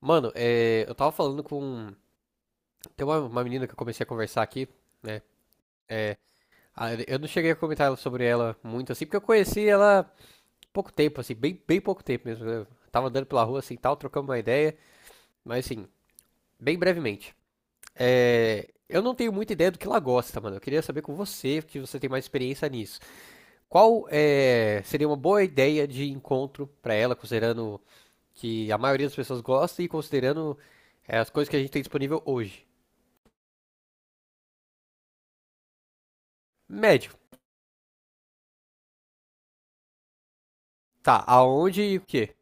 Mano, é, eu tava falando com. Tem uma menina que eu comecei a conversar aqui, né? É, eu não cheguei a comentar sobre ela muito assim, porque eu conheci ela pouco tempo, assim, bem pouco tempo mesmo. Né, eu tava andando pela rua assim e tal, trocando uma ideia, mas assim, bem brevemente. É, eu não tenho muita ideia do que ela gosta, mano. Eu queria saber com você, que você tem mais experiência nisso. Qual é, seria uma boa ideia de encontro pra ela, considerando que a maioria das pessoas gosta e considerando as coisas que a gente tem disponível hoje? Médio. Tá, aonde e o quê?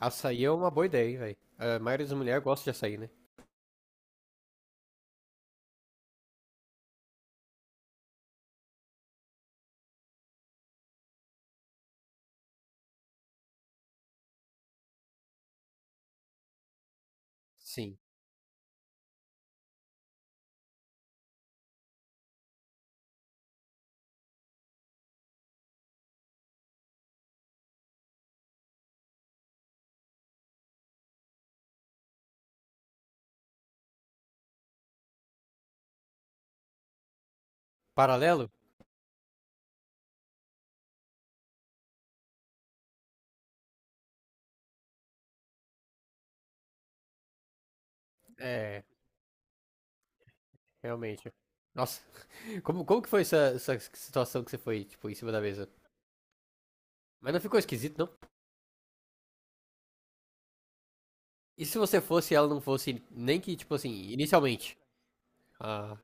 Açaí é uma boa ideia, hein, velho. A maioria das mulheres gosta de açaí, né? Sim. Paralelo? É, realmente. Nossa, como que foi essa situação que você foi, tipo, em cima da mesa? Mas não ficou esquisito, não? E se você fosse e ela não fosse, nem que, tipo assim, inicialmente? Ah,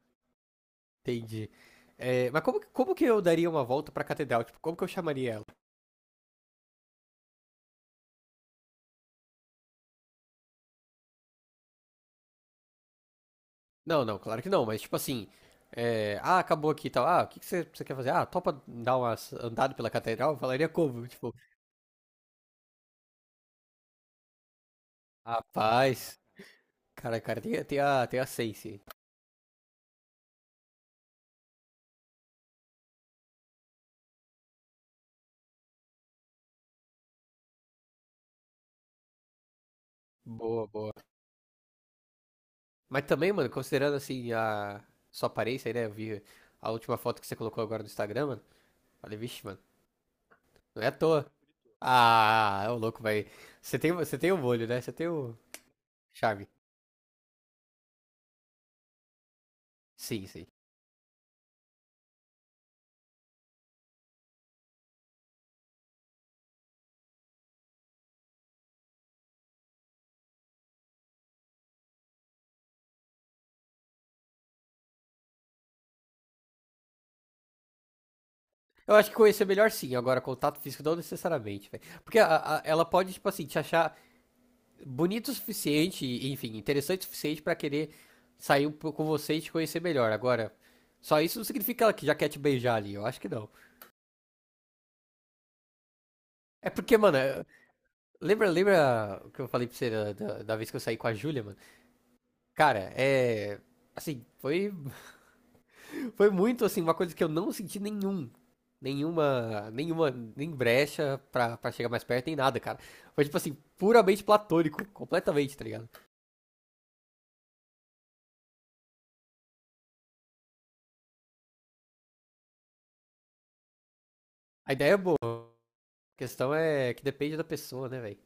entendi. É, mas como que eu daria uma volta pra catedral? Tipo, como que eu chamaria ela? Não, não, claro que não, mas tipo assim. É, ah, acabou aqui e tal. Ah, o que, que você quer fazer? Ah, topa dar uma andada pela catedral? Eu falaria como? Tipo, rapaz, cara, tem a Sense. Boa, boa. Mas também, mano, considerando assim a sua aparência aí, né? Eu vi a última foto que você colocou agora no Instagram, mano. Falei, vixe, mano, não é à toa. Ah, é o louco, vai. Você tem o molho, né? Você tem o charme. Sim, sim. Eu acho que conhecer melhor sim, agora contato físico não necessariamente, velho. Porque ela pode, tipo assim, te achar. Bonito o suficiente, enfim, interessante o suficiente pra querer sair um pouco com você e te conhecer melhor. Agora, só isso não significa que ela já quer te beijar ali, eu acho que não. É porque, mano, lembra o que eu falei pra você da vez que eu saí com a Júlia, mano? Cara, é. Assim, foi, foi muito, assim, uma coisa que eu não senti nenhum. Nenhuma, nenhuma, nem brecha pra, pra chegar mais perto, nem nada, cara. Foi, tipo assim, puramente platônico, completamente, tá ligado? A ideia é boa. A questão é que depende da pessoa, né, velho?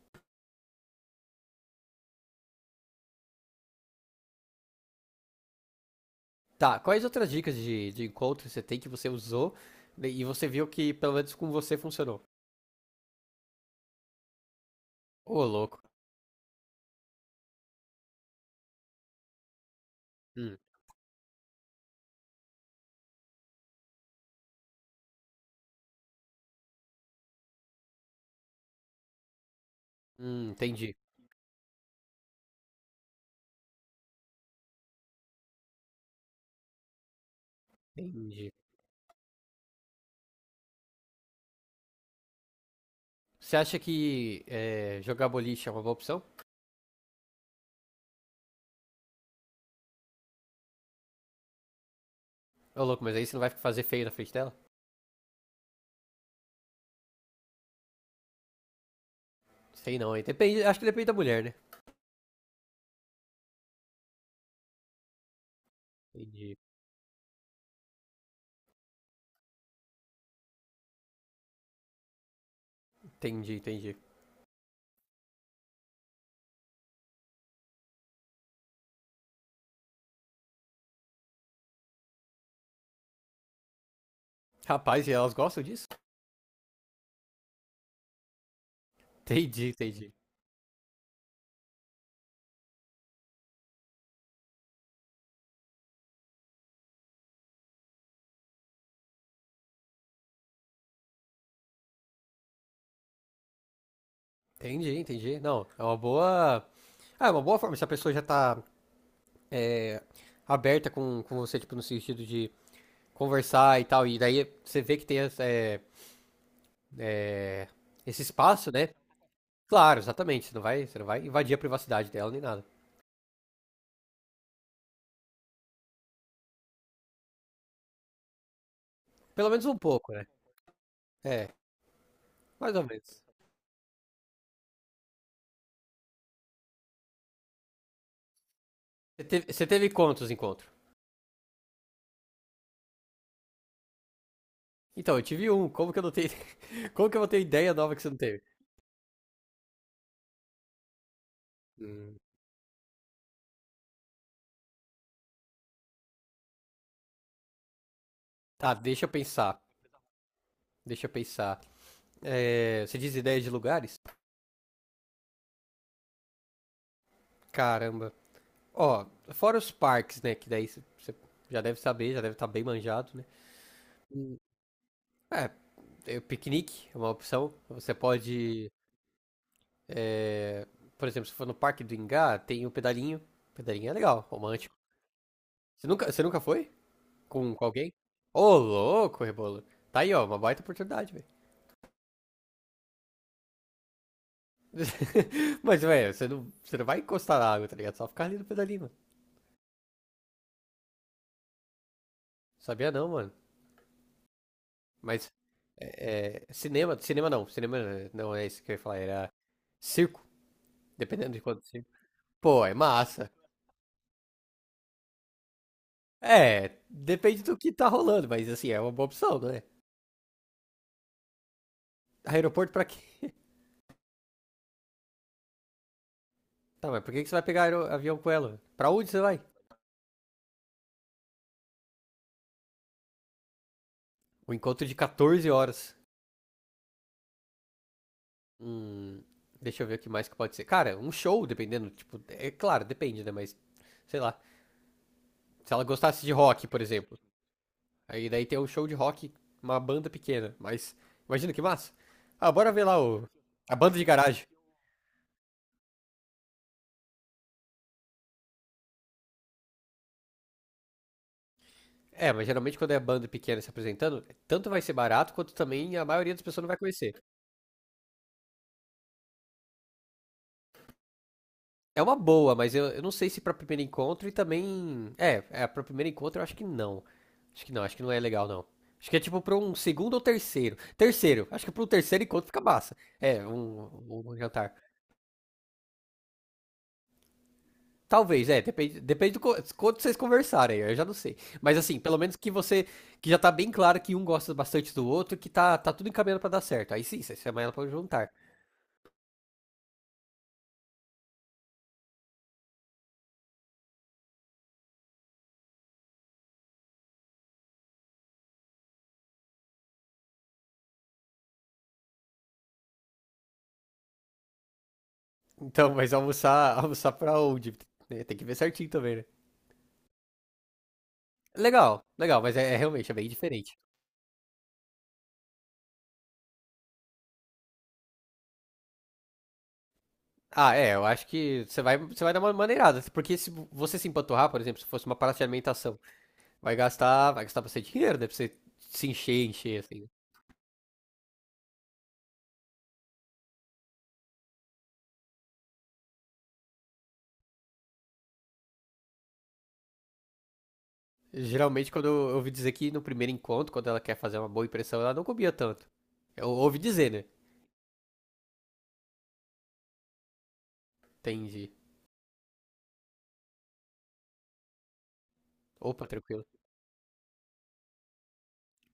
Tá, quais outras dicas de encontro você tem que você usou, né, e você viu que pelo menos com você funcionou? Ô, louco. Hum, hum, entendi, entendi. Você acha que é, jogar boliche é uma boa opção? Ô, louco, mas aí você não vai fazer feio na frente dela? Sei não, hein? Depende, acho que depende da mulher, né? Entendi, entendi. Rapaz, e elas gostam disso? Entendi, entendi. Entendi, entendi. Não, é uma boa. Ah, é uma boa forma. Se a pessoa já tá é, aberta com você, tipo, no sentido de conversar e tal. E daí você vê que tem essa, é, é, esse espaço, né? Claro, exatamente. Você não vai invadir a privacidade dela nem nada. Pelo menos um pouco, né? É, mais ou menos. Você teve quantos encontros? Então, eu tive um. Como que eu não tenho. Como que eu vou ter ideia nova que você não teve? Hum, Tá, deixa eu pensar. Deixa eu pensar. É, você diz ideia de lugares? Caramba. Ó, fora os parques, né? Que daí você já deve saber, já deve estar bem manjado, né? É, piquenique é uma opção. É, por exemplo, se for no Parque do Ingá, tem o pedalinho. Pedalinho é legal, romântico. Você nunca foi com alguém? Ô, louco, Rebolo. Tá aí, ó, uma baita oportunidade, velho. Mas, velho, você não vai encostar na água, tá ligado? Só ficar ali no pedalinho, mano. Sabia não, mano. Mas, cinema, cinema não. Cinema não é isso que eu ia falar, era circo. Dependendo de quanto circo. Pô, é massa. É, depende do que tá rolando, mas assim, é uma boa opção, né? Aeroporto pra quê? Tá, mas por que que você vai pegar avião com ela? Pra onde você vai? O encontro de 14 horas. Hum, deixa eu ver o que mais que pode ser. Cara, um show, dependendo, tipo, é claro, depende, né? Mas, sei lá. Se ela gostasse de rock, por exemplo. Aí daí tem um show de rock, uma banda pequena, mas imagina que massa. Ah, bora ver lá o a banda de garagem. É, mas geralmente quando é banda pequena se apresentando, tanto vai ser barato quanto também a maioria das pessoas não vai conhecer. É uma boa, mas eu não sei se pra primeiro encontro e também. Pra primeiro encontro eu acho que não. Acho que não é legal, não. Acho que é tipo pra um segundo ou terceiro. Terceiro, acho que pra um terceiro encontro fica massa. Um jantar. Talvez, é, depende, quanto vocês conversarem, eu já não sei. Mas assim, pelo menos que você, que já tá bem claro que um gosta bastante do outro, que tá, tá tudo encaminhando pra dar certo. Aí sim, você chama ela pra um jantar. Então, mas almoçar, almoçar pra onde? Né, tem que ver certinho também, né? Legal, legal, mas é realmente é bem diferente. Ah, é, eu acho que você vai dar uma maneirada, porque se você se empanturrar, por exemplo, se fosse uma parada de alimentação, vai gastar bastante dinheiro, né, pra você se encher, assim. Geralmente, quando eu ouvi dizer que no primeiro encontro, quando ela quer fazer uma boa impressão, ela não comia tanto. Eu ouvi dizer, né? Entendi. Opa, tranquilo.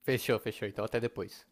Fechou, fechou, então até depois.